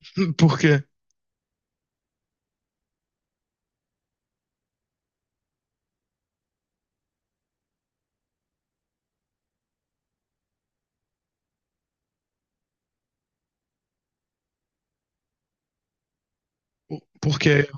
Por quê? Porque.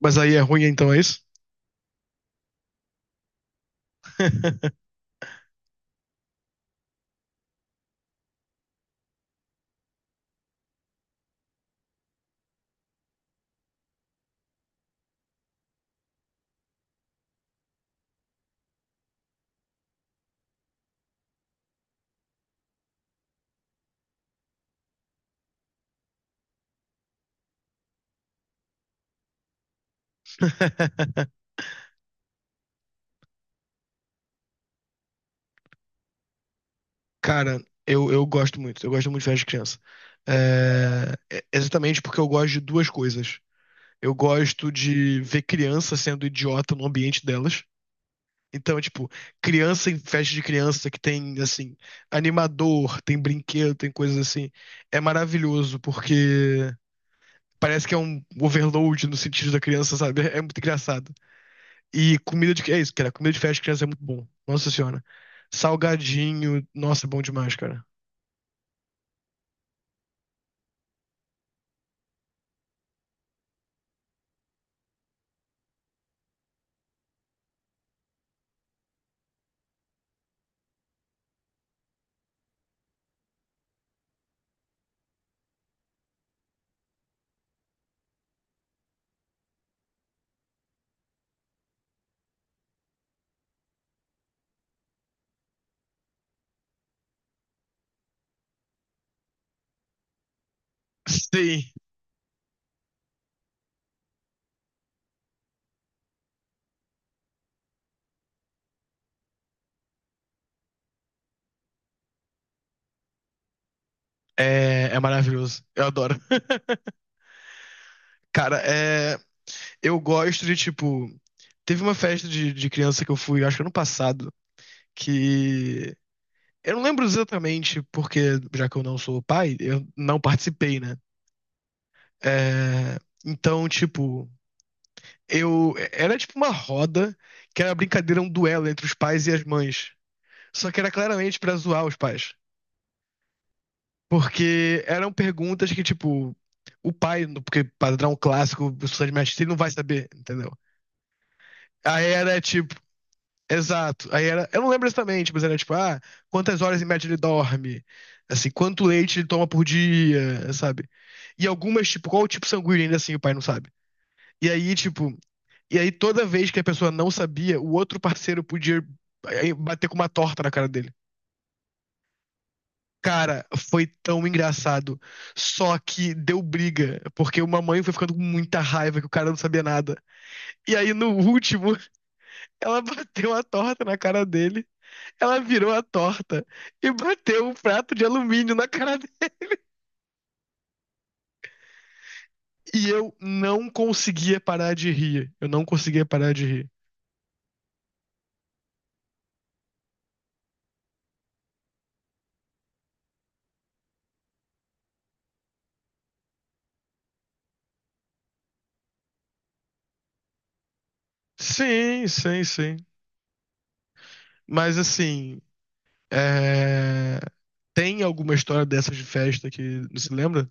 Mas aí é ruim, então é isso? Cara, eu gosto muito. Eu gosto muito de festa de criança. É, é exatamente porque eu gosto de duas coisas. Eu gosto de ver criança sendo idiota no ambiente delas. Então, tipo, criança em festa de criança que tem, assim, animador, tem brinquedo, tem coisas assim. É maravilhoso, porque parece que é um overload no sentido da criança, sabe? É muito engraçado. E comida de. É isso, cara. Comida de festa de criança é muito bom. Nossa senhora. Salgadinho. Nossa, é bom demais, cara. Sim. É, é maravilhoso. Eu adoro. Cara, é, eu gosto de, tipo. Teve uma festa de criança que eu fui, acho que ano passado, que. Eu não lembro exatamente, porque já que eu não sou pai, eu não participei, né? É, então, tipo, eu. Era tipo uma roda que era brincadeira, um duelo entre os pais e as mães. Só que era claramente pra zoar os pais. Porque eram perguntas que, tipo, o pai, porque padrão clássico, professor de mestre, ele não vai saber, entendeu? Aí era tipo, exato. Aí era, eu não lembro exatamente, mas era tipo, ah, quantas horas em média ele dorme? Assim, quanto leite ele toma por dia, sabe? E algumas, tipo, qual o tipo sanguíneo ainda assim o pai não sabe. E aí, tipo, e aí toda vez que a pessoa não sabia, o outro parceiro podia bater com uma torta na cara dele. Cara, foi tão engraçado. Só que deu briga, porque uma mãe foi ficando com muita raiva que o cara não sabia nada. E aí, no último, ela bateu a torta na cara dele. Ela virou a torta e bateu um prato de alumínio na cara dele. E eu não conseguia parar de rir. Eu não conseguia parar de rir. Sim, sim, sim. Mas assim, é, tem alguma história dessas de festa que não se lembra?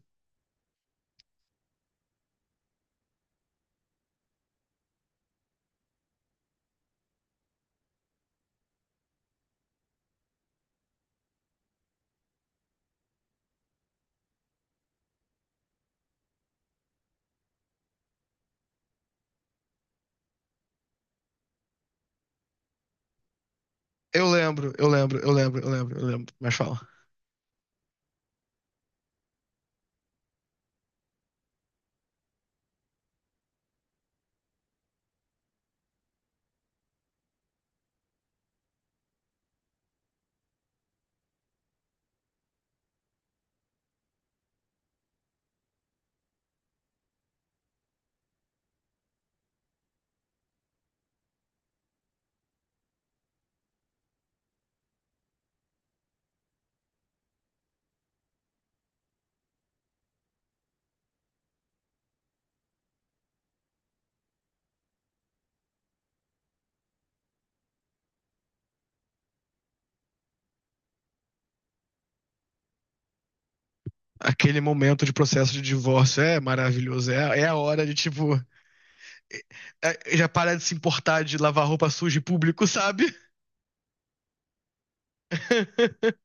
Eu lembro, eu lembro, eu lembro, eu lembro, eu lembro. Mas fala. Aquele momento de processo de divórcio é maravilhoso. É, é a hora de, tipo, já parar de se importar de lavar roupa suja em público, sabe?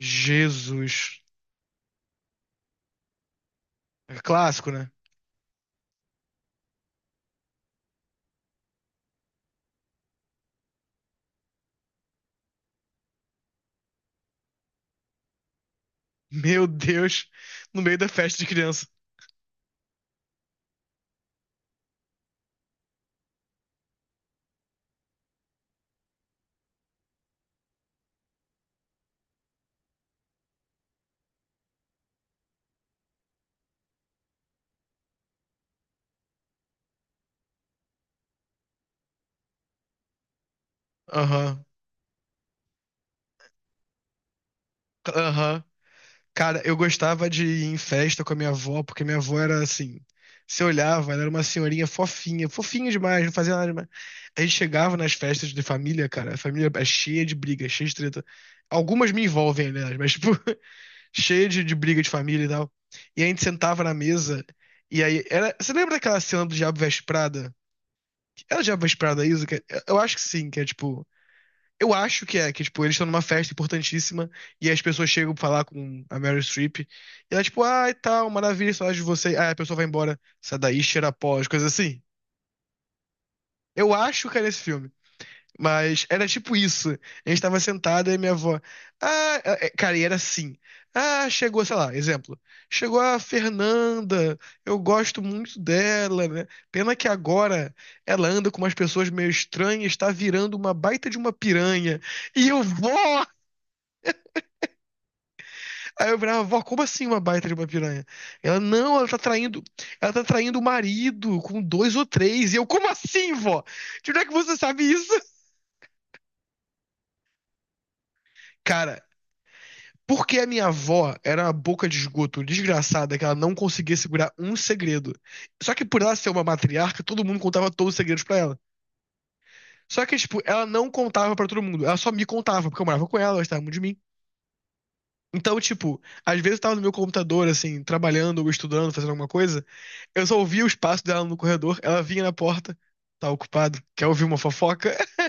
Jesus. É clássico, né? Meu Deus. No meio da festa de criança. Aham. Aham. Cara, eu gostava de ir em festa com a minha avó, porque minha avó era assim. Você olhava, ela era uma senhorinha fofinha, fofinha demais, não fazia nada demais. A gente chegava nas festas de família, cara, a família é cheia de briga, cheia de treta. Algumas me envolvem, né? Mas, tipo, cheia de briga de família e tal. E a gente sentava na mesa, e aí era. Você lembra daquela cena do Diabo Veste Prada? Era o Diabo Veste Prada isso? Que- é, eu acho que sim, que é tipo. Eu acho que é, que, tipo, eles estão numa festa importantíssima e as pessoas chegam pra falar com a Meryl Streep e ela, tipo, ai, tal, maravilha, saudade de você. Ah, a pessoa vai embora, sai daí, cheira pó, as coisas assim. Eu acho que era esse filme. Mas era tipo isso. A gente tava sentada e minha avó, ah, é, é, cara, e era assim. Ah, chegou, sei lá, exemplo. Chegou a Fernanda, eu gosto muito dela, né? Pena que agora ela anda com umas pessoas meio estranhas, tá virando uma baita de uma piranha. E eu, vó! Aí eu virava, vó, como assim uma baita de uma piranha? Ela, não, ela tá traindo o marido com dois ou três. E eu, como assim, vó? De onde é que você sabe isso? Cara, porque a minha avó era uma boca de esgoto desgraçada que ela não conseguia segurar um segredo. Só que por ela ser uma matriarca, todo mundo contava todos os segredos pra ela. Só que, tipo, ela não contava pra todo mundo, ela só me contava, porque eu morava com ela, ela gostava muito de mim. Então, tipo, às vezes eu tava no meu computador, assim, trabalhando ou estudando, fazendo alguma coisa. Eu só ouvia os passos dela no corredor, ela vinha na porta, tá ocupado, quer ouvir uma fofoca?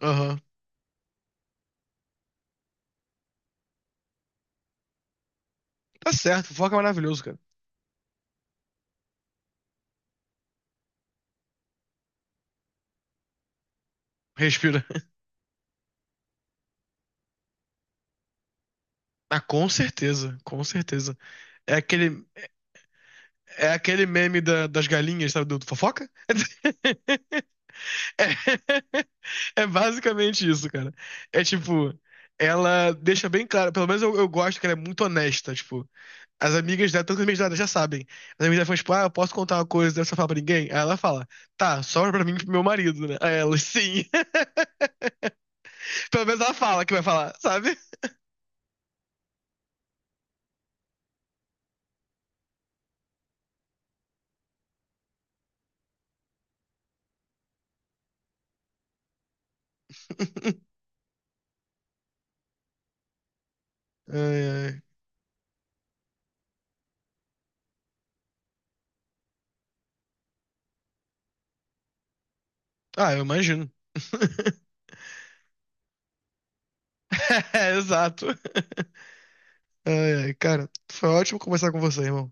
Aham. Tá certo, fofoca é maravilhoso, cara. Respira. Ah, com certeza, com certeza. É aquele, é aquele meme da- das galinhas, sabe, do, do fofoca? É, é basicamente isso, cara. É tipo, ela deixa bem claro, pelo menos eu gosto que ela é muito honesta, tipo, as amigas dela, todas as amigas dela já sabem. As amigas dela falam, tipo, ah, eu posso contar uma coisa, você fala pra ninguém? Aí ela fala, tá, só pra mim e pro meu marido, né? Aí ela, sim. Pelo menos ela fala que vai falar, sabe? Ai, ai. Ah, eu imagino. É, exato. Ai, ai, cara, foi ótimo conversar com você, irmão.